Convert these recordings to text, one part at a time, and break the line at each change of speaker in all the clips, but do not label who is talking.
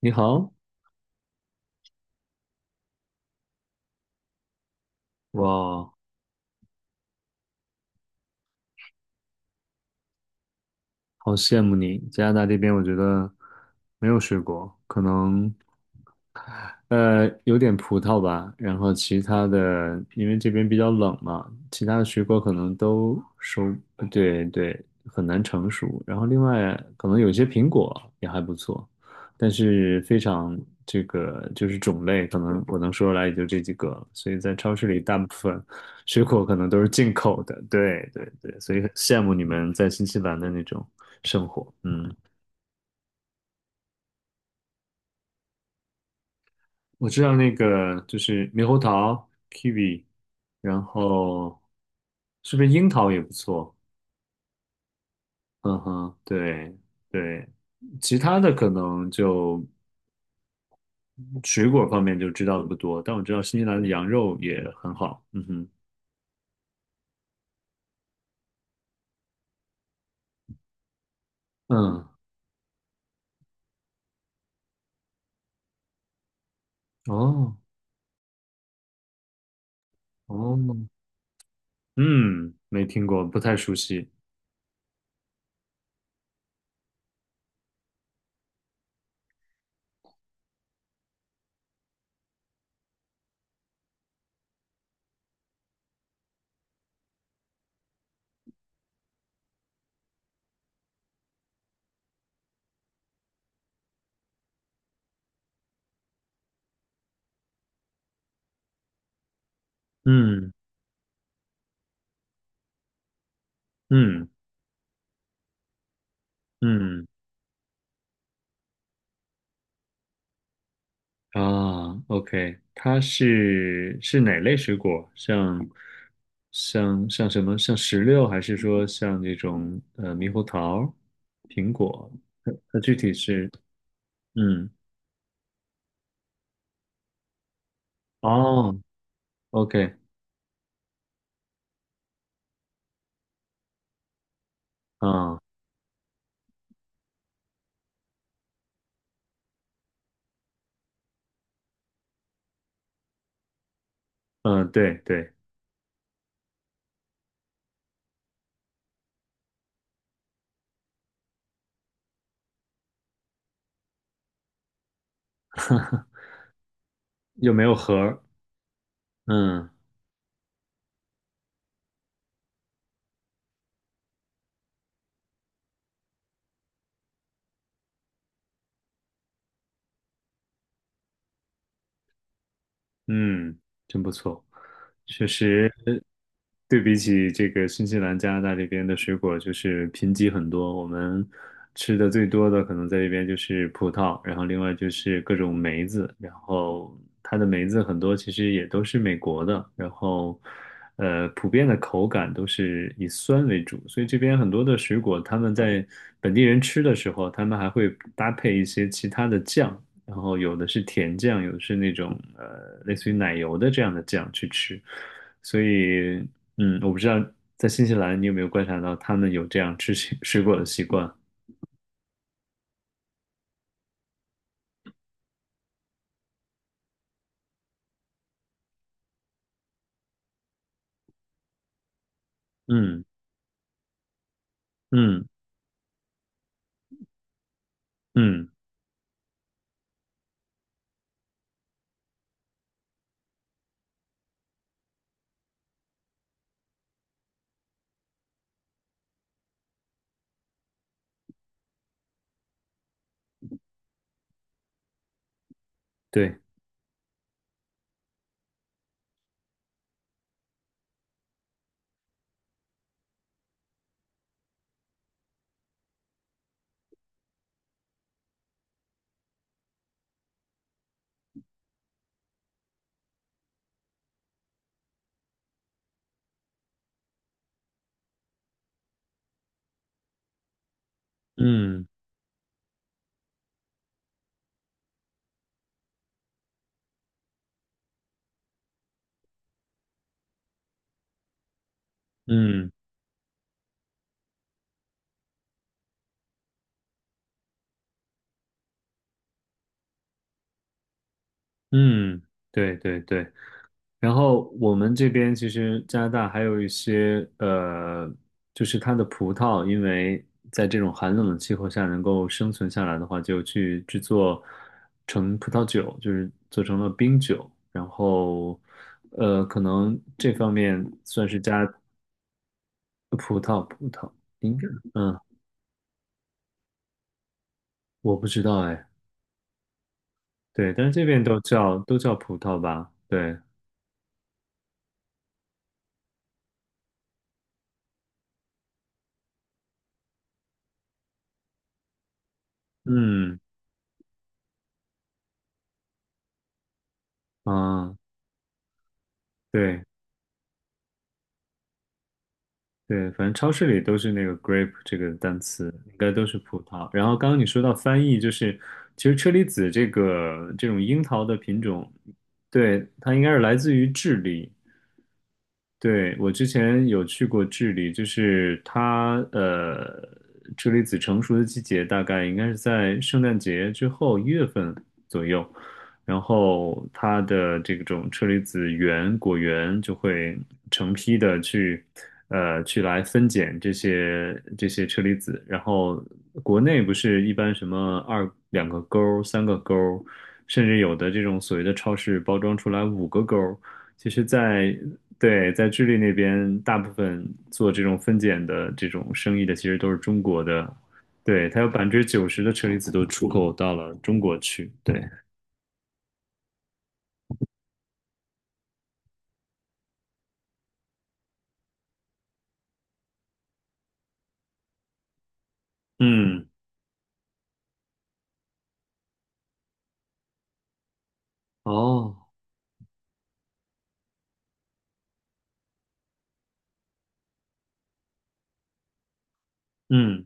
你好。哇，好羡慕你！加拿大这边我觉得没有水果，可能有点葡萄吧。然后其他的，因为这边比较冷嘛，其他的水果可能都收，呃对对，很难成熟。然后另外可能有些苹果也还不错，但是非常种类，可能我能说出来也就这几个了，所以在超市里，大部分水果可能都是进口的。对对对，所以很羡慕你们在新西兰的那种生活。嗯。我知道那个就是猕猴桃 kiwi，然后是不是樱桃也不错？嗯哼，对对，其他的可能水果方面就知道的不多，但我知道新西兰的羊肉也很好。嗯哼，嗯，哦哦，嗯，没听过，不太熟悉。嗯嗯嗯。啊，OK，它是哪类水果？像什么？像石榴，还是说像这种猕猴桃、苹果？它具体是嗯，哦，OK 啊。嗯对对。又没有核儿，嗯嗯，真不错，确实。对比起这个新西兰、加拿大这边的水果，就是贫瘠很多。我们吃的最多的可能在这边就是葡萄，然后另外就是各种梅子，然后它的梅子很多其实也都是美国的，然后普遍的口感都是以酸为主，所以这边很多的水果，他们在本地人吃的时候，他们还会搭配一些其他的酱，然后有的是甜酱，有的是那种类似于奶油的这样的酱去吃。所以，嗯，我不知道在新西兰你有没有观察到他们有这样吃水果的习惯？嗯嗯嗯，对，嗯嗯嗯，对对对。然后我们这边其实加拿大还有一些就是它的葡萄，因为在这种寒冷的气候下能够生存下来的话，就去制作成葡萄酒，就是做成了冰酒。然后可能这方面算是加。葡葡萄，应该嗯，我不知道哎。对，但是这边都叫葡萄吧，对，嗯啊，对。对，反正超市里都是那个 grape 这个单词，应该都是葡萄。然后刚刚你说到翻译，就是其实车厘子这个这种樱桃的品种，对，它应该是来自于智利。对，我之前有去过智利。就是它车厘子成熟的季节大概应该是在圣诞节之后1月份左右，然后它的这种车厘子园果园就会成批的去去来分拣这些车厘子。然后国内不是一般什么二两个钩儿三个钩儿，甚至有的这种所谓的超市包装出来五个钩儿，其实在，对，在智利那边，大部分做这种分拣的这种生意的，其实都是中国的。对，它有90%的车厘子都出口到了中国去。对，嗯，哦，嗯。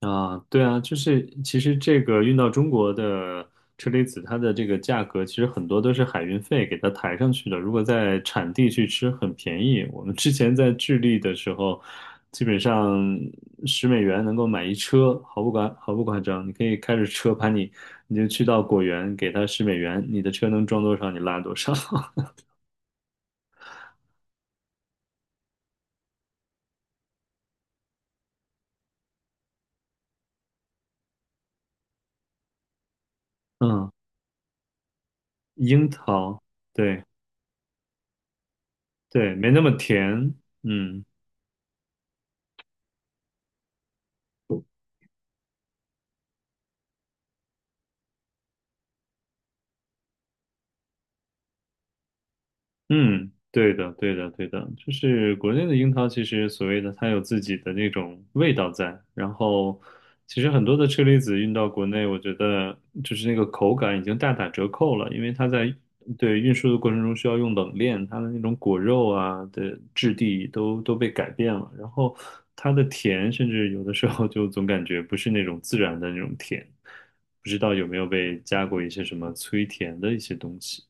啊，对啊，就是其实这个运到中国的车厘子，它的这个价格其实很多都是海运费给它抬上去的。如果在产地去吃，很便宜。我们之前在智利的时候，基本上十美元能够买一车，毫不夸张。你可以开着车把你，你就去到果园，给他十美元，你的车能装多少，你拉多少。嗯，樱桃，对对，没那么甜。嗯。嗯，对的，对的，对的，就是国内的樱桃，其实所谓的它有自己的那种味道在，然后其实很多的车厘子运到国内，我觉得就是那个口感已经大打折扣了，因为它在对运输的过程中需要用冷链，它的那种果肉啊的质地都被改变了，然后它的甜，甚至有的时候就总感觉不是那种自然的那种甜，不知道有没有被加过一些什么催甜的一些东西。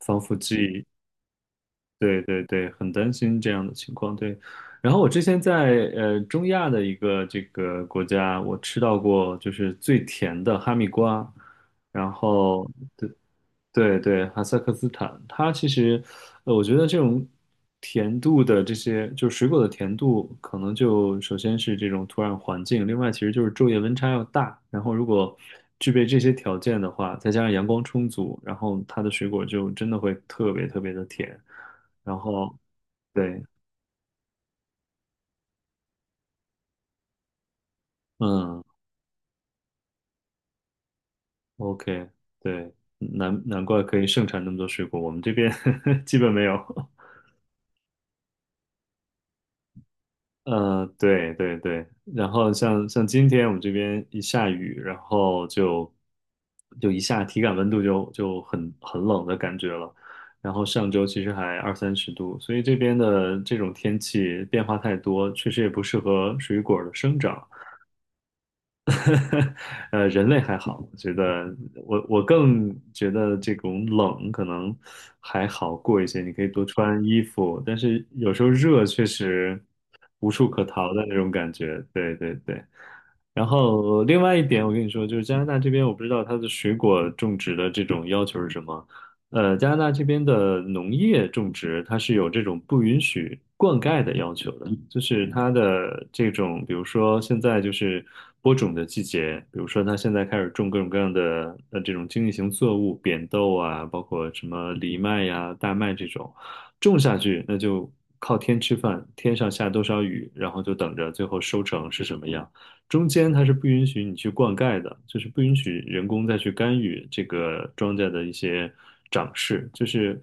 防腐剂，对对对，很担心这样的情况。对，然后我之前在中亚的一个这个国家，我吃到过就是最甜的哈密瓜。然后对对对，哈萨克斯坦。它其实我觉得这种甜度的这些就是水果的甜度，可能就首先是这种土壤环境，另外其实就是昼夜温差要大，然后如果具备这些条件的话，再加上阳光充足，然后它的水果就真的会特别特别的甜。然后对，嗯，OK，对，嗯,难怪可以盛产那么多水果，我们这边 基本没有。对对对，然后像今天我们这边一下雨，然后就一下体感温度就很冷的感觉了。然后上周其实还20 30度，所以这边的这种天气变化太多，确实也不适合水果的生长。人类还好，我觉得我更觉得这种冷可能还好过一些，你可以多穿衣服，但是有时候热确实无处可逃的那种感觉。对对对。然后另外一点，我跟你说，就是加拿大这边，我不知道它的水果种植的这种要求是什么。加拿大这边的农业种植，它是有这种不允许灌溉的要求的。就是它的这种，比如说现在就是播种的季节，比如说它现在开始种各种各样的这种经济型作物，扁豆啊，包括什么藜麦呀、大麦这种，种下去那就靠天吃饭，天上下多少雨，然后就等着最后收成是什么样。中间它是不允许你去灌溉的，就是不允许人工再去干预这个庄稼的一些长势。就是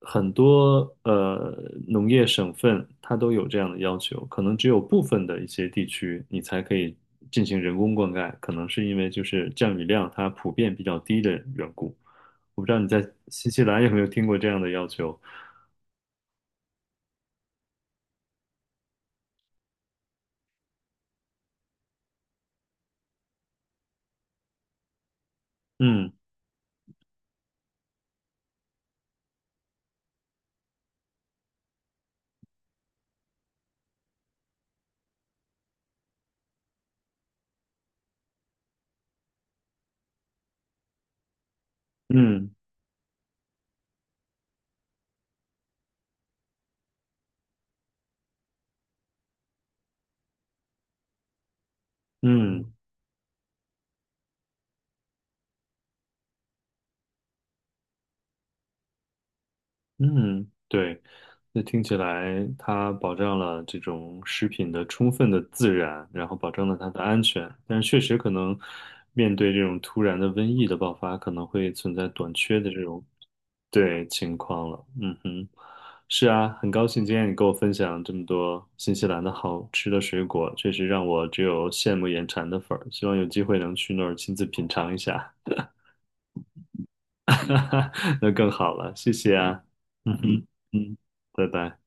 很多农业省份它都有这样的要求，可能只有部分的一些地区你才可以进行人工灌溉，可能是因为就是降雨量它普遍比较低的缘故。我不知道你在新西兰有没有听过这样的要求？嗯嗯嗯。嗯，对，那听起来它保障了这种食品的充分的自然，然后保证了它的安全，但是确实可能面对这种突然的瘟疫的爆发，可能会存在短缺的这种对情况了。嗯哼，是啊，很高兴今天你跟我分享这么多新西兰的好吃的水果，确实让我只有羡慕眼馋的份儿，希望有机会能去那儿亲自品尝一下。那更好了，谢谢啊。嗯哼，嗯，拜拜。